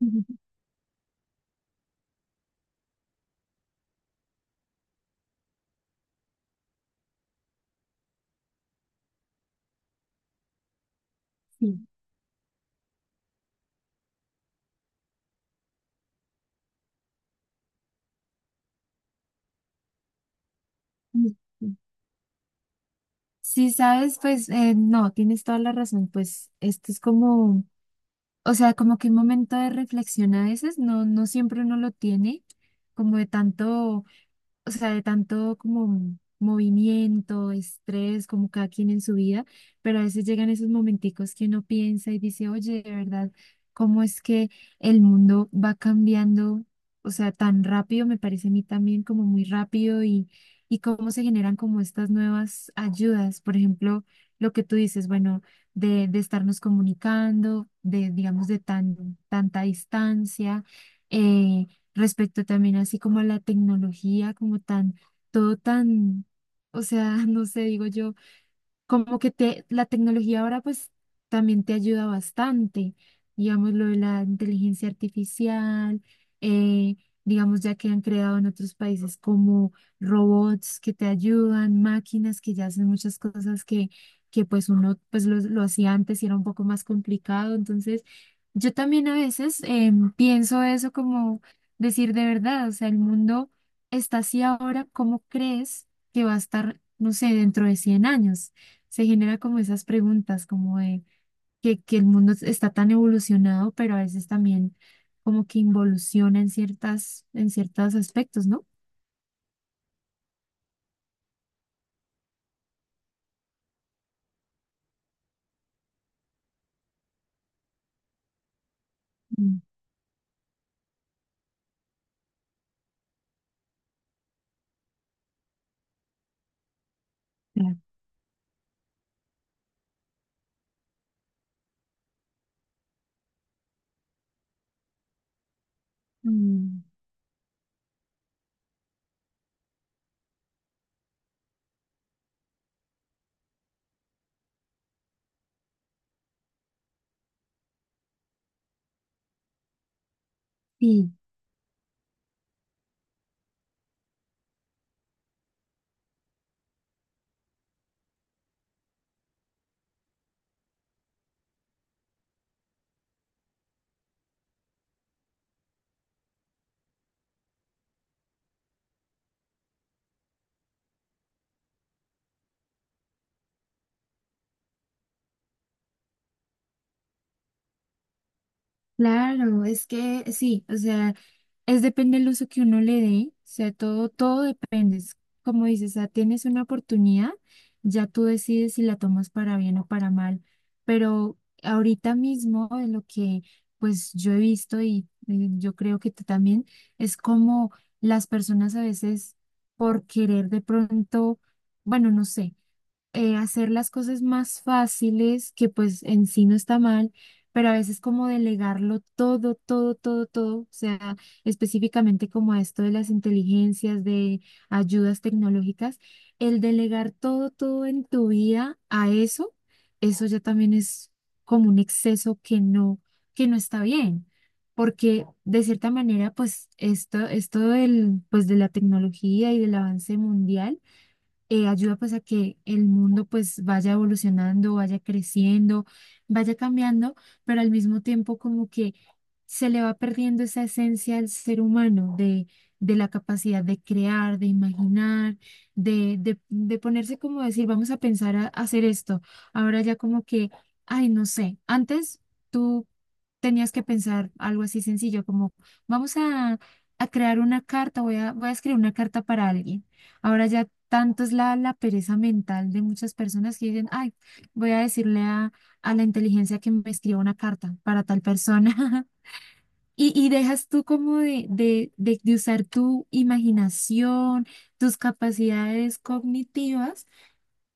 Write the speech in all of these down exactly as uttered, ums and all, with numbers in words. Ujú. Sí, sí, sí. Sí, sabes, pues eh, no, tienes toda la razón, pues esto es como, o sea, como que un momento de reflexión a veces. No, no siempre uno lo tiene, como de tanto, o sea, de tanto como movimiento, estrés, como cada quien en su vida. Pero a veces llegan esos momenticos que uno piensa y dice, oye, de verdad, ¿cómo es que el mundo va cambiando? O sea, tan rápido, me parece a mí también como muy rápido. Y, y cómo se generan como estas nuevas ayudas. Por ejemplo, lo que tú dices, bueno, de, de estarnos comunicando, de, digamos, de tan, tanta distancia. eh, Respecto también así como a la tecnología, como tan, todo tan, o sea, no sé, digo yo, como que te, la tecnología ahora pues también te ayuda bastante. Digamos lo de la inteligencia artificial. eh, digamos, ya que han creado en otros países como robots que te ayudan, máquinas que ya hacen muchas cosas que, que pues uno pues lo, lo hacía antes y era un poco más complicado. Entonces yo también a veces em, pienso eso como decir, de verdad, o sea, el mundo está así ahora. ¿Cómo crees que va a estar, no sé, dentro de cien años? Se genera como esas preguntas, como de que, que el mundo es- está tan evolucionado, pero a veces también como que involuciona en ciertas, en ciertos aspectos, ¿no? Mm. Claro. Mm. Sí. Claro, es que sí, o sea, es depende del uso que uno le dé. O sea, todo, todo depende. Es como dices, o sea, tienes una oportunidad, ya tú decides si la tomas para bien o para mal. Pero ahorita mismo, de lo que pues yo he visto y eh, yo creo que tú también, es como las personas a veces por querer de pronto, bueno, no sé, eh, hacer las cosas más fáciles, que pues en sí no está mal, pero a veces como delegarlo todo, todo, todo, todo, o sea, específicamente como a esto de las inteligencias, de ayudas tecnológicas, el delegar todo, todo en tu vida a eso, eso ya también es como un exceso que no, que no está bien. Porque de cierta manera, pues esto, esto del, pues de la tecnología y del avance mundial eh, ayuda pues a que el mundo pues vaya evolucionando, vaya creciendo, vaya cambiando, pero al mismo tiempo como que se le va perdiendo esa esencia al ser humano, de, de la capacidad de crear, de imaginar, de, de, de ponerse como decir, vamos a pensar a, a hacer esto. Ahora ya como que, ay, no sé, antes tú tenías que pensar algo así sencillo como, vamos a... a crear una carta. voy a, voy a escribir una carta para alguien. Ahora ya tanto es la, la pereza mental de muchas personas que dicen, ay, voy a decirle a, a la inteligencia que me escriba una carta para tal persona. Y, y dejas tú como de, de, de, de usar tu imaginación, tus capacidades cognitivas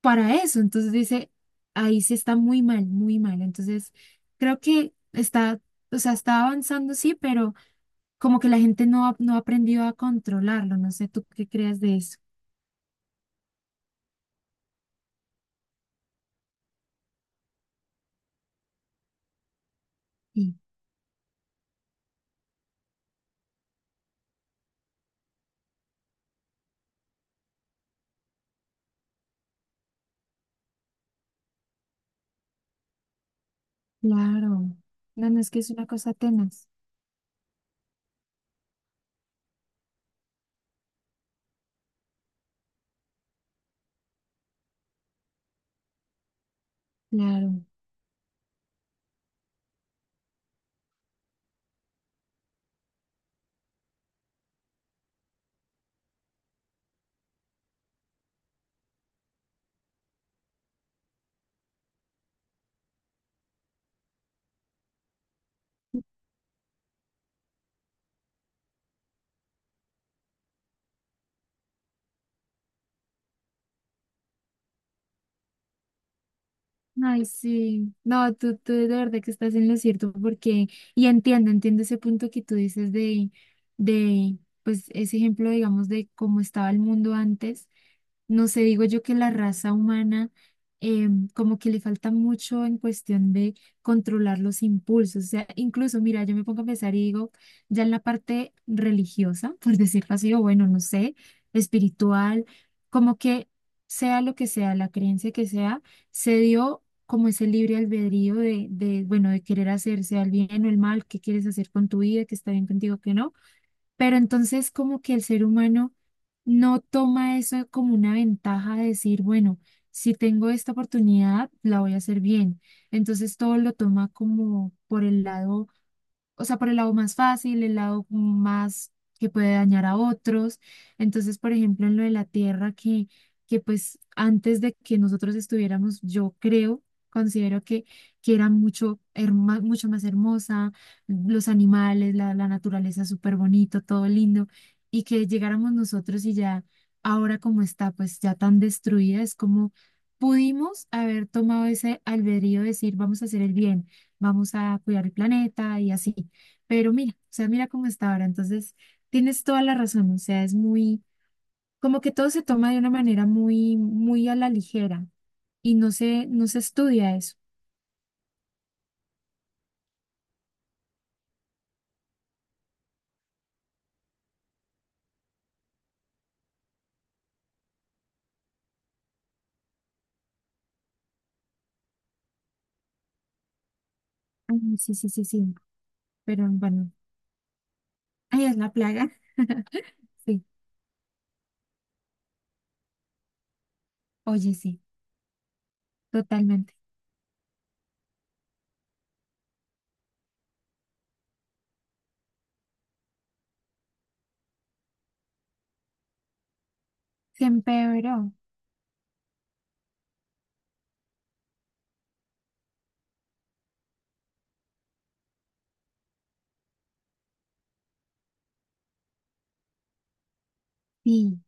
para eso. Entonces dice, ahí sí está muy mal, muy mal. Entonces creo que está, o sea, está avanzando, sí, pero como que la gente no, ha- no ha aprendido a controlarlo. No sé, ¿tú qué creas de eso? Sí. Claro. No, no es que es una cosa tenaz. Claro. Ay, sí. No, tú, tú de verdad que estás en lo cierto porque, y entiendo, entiendo ese punto que tú dices de, de, pues ese ejemplo, digamos, de cómo estaba el mundo antes. No sé, digo yo que la raza humana eh, como que le falta mucho en cuestión de controlar los impulsos. O sea, incluso, mira, yo me pongo a pensar y digo, ya en la parte religiosa, por decirlo así, o bueno, no sé, espiritual, como que sea lo que sea, la creencia que sea, se dio como ese libre albedrío de, de, bueno, de querer hacerse al bien o el mal, qué quieres hacer con tu vida, qué está bien contigo, qué no. Pero entonces como que el ser humano no toma eso como una ventaja de decir, bueno, si tengo esta oportunidad, la voy a hacer bien. Entonces todo lo toma como por el lado, o sea, por el lado más fácil, el lado más que puede dañar a otros. Entonces, por ejemplo, en lo de la tierra, que, que pues antes de que nosotros estuviéramos, yo creo, considero que, que era mucho, herma- mucho más hermosa, los animales, la, la naturaleza súper bonito, todo lindo, y que llegáramos nosotros y ya ahora como está, pues ya tan destruida, es como... Pudimos haber tomado ese albedrío de decir, vamos a hacer el bien, vamos a cuidar el planeta y así. Pero mira, o sea, mira cómo está ahora. Entonces, tienes toda la razón. O sea, es muy, como que todo se toma de una manera muy, muy a la ligera y no se, no se estudia eso. Ay, no, sí, sí, sí, sí. Pero bueno, ahí es la plaga. Sí, oye, sí, totalmente. Se empeoró. Sí,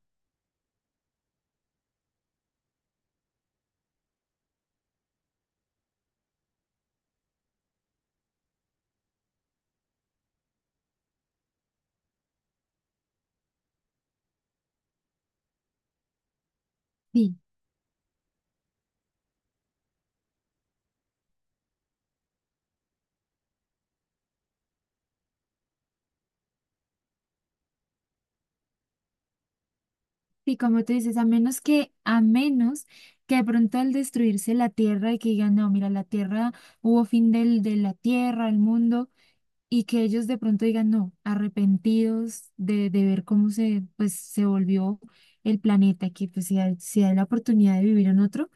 sí, sí, como tú dices, a menos que, a menos que de pronto al destruirse la tierra y que digan, no, mira, la tierra, hubo fin del, de la tierra, el mundo. Y que ellos de pronto digan, no, arrepentidos de, de ver cómo se, pues, se volvió el planeta, que pues si hay, si hay la oportunidad de vivir en otro,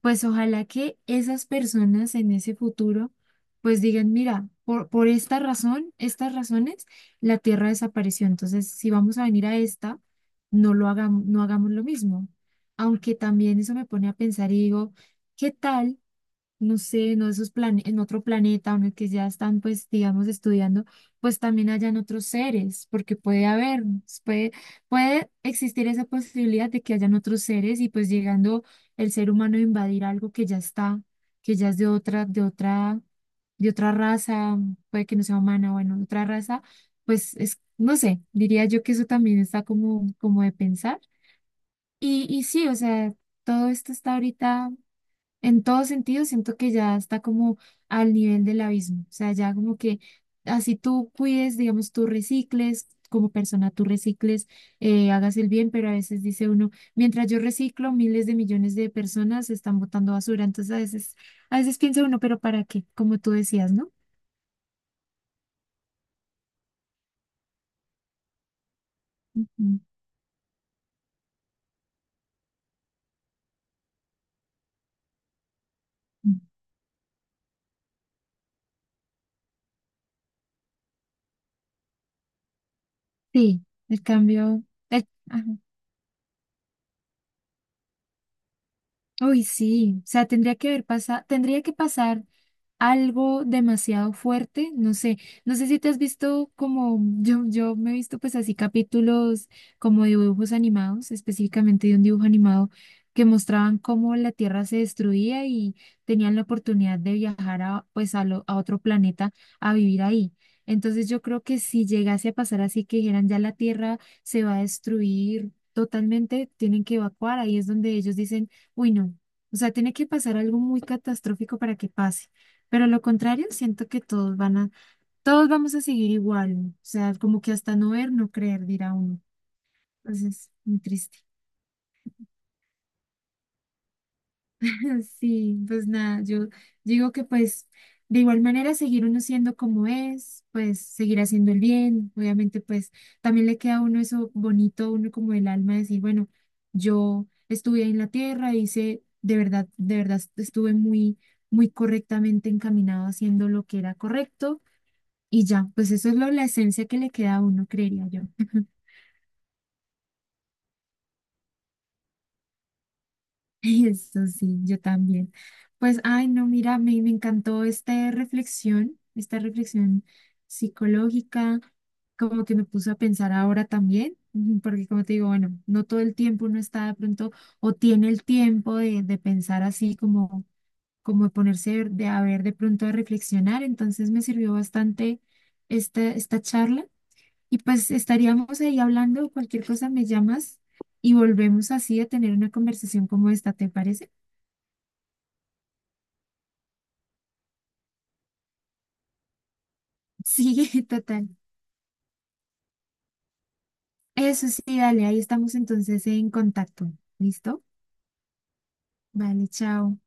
pues ojalá que esas personas en ese futuro pues digan, mira, por, por esta razón, estas razones, la Tierra desapareció. Entonces si vamos a venir a esta, no lo hagamos, no hagamos lo mismo. Aunque también eso me pone a pensar y digo, ¿qué tal? No sé, no esos plane- en otro planeta, o en el que ya están, pues, digamos, estudiando, pues también hayan otros seres, porque puede haber, s- puede, puede existir esa posibilidad de que hayan otros seres y pues llegando el ser humano a invadir algo que ya está, que ya es de otra, de otra, de otra raza, puede que no sea humana, bueno, otra raza, pues es, no sé, diría yo que eso también está como, como de pensar. Y, y sí, o sea, todo esto está ahorita. En todo sentido, siento que ya está como al nivel del abismo. O sea, ya como que así tú cuides, digamos, tú recicles, como persona tú recicles, eh, hagas el bien, pero a veces dice uno, mientras yo reciclo, miles de millones de personas están botando basura. Entonces a veces, a veces piensa uno, pero ¿para qué? Como tú decías, ¿no? Ujú. Sí, el cambio, el- ajá. Uy, sí, o sea, tendría que haber pasado, tendría que pasar algo demasiado fuerte, no sé, no sé si te has visto como, yo, yo me he visto pues así capítulos como dibujos animados, específicamente de un dibujo animado que mostraban cómo la Tierra se destruía y tenían la oportunidad de viajar a, pues a, lo- a otro planeta a vivir ahí. Entonces yo creo que si llegase a pasar así que dijeran ya la Tierra se va a destruir totalmente, tienen que evacuar, ahí es donde ellos dicen, uy, no. O sea, tiene que pasar algo muy catastrófico para que pase. Pero lo contrario, siento que todos van a, todos vamos a seguir igual. O sea, como que hasta no ver, no creer, dirá uno. Entonces, muy triste. Sí, pues nada, yo digo que pues de igual manera seguir uno siendo como es, pues seguir haciendo el bien, obviamente pues también le queda a uno eso bonito, uno como el alma decir, bueno, yo estuve ahí en la tierra, hice de verdad, de verdad estuve muy, muy correctamente encaminado haciendo lo que era correcto y ya, pues eso es lo, la esencia que le queda a uno, creería yo. Eso sí, yo también. Pues, ay, no, mira, me, me encantó esta reflexión, esta reflexión psicológica, como que me puso a pensar ahora también, ujú, porque como te digo, bueno, no todo el tiempo uno está de pronto o tiene el tiempo de, de pensar así como, como de ponerse de a ver de pronto a reflexionar, entonces me sirvió bastante esta, esta charla y pues estaríamos ahí hablando, cualquier cosa me llamas y volvemos así a tener una conversación como esta, ¿te parece? Sí, total. Eso sí, dale, ahí estamos entonces en contacto. ¿Listo? Vale, chao.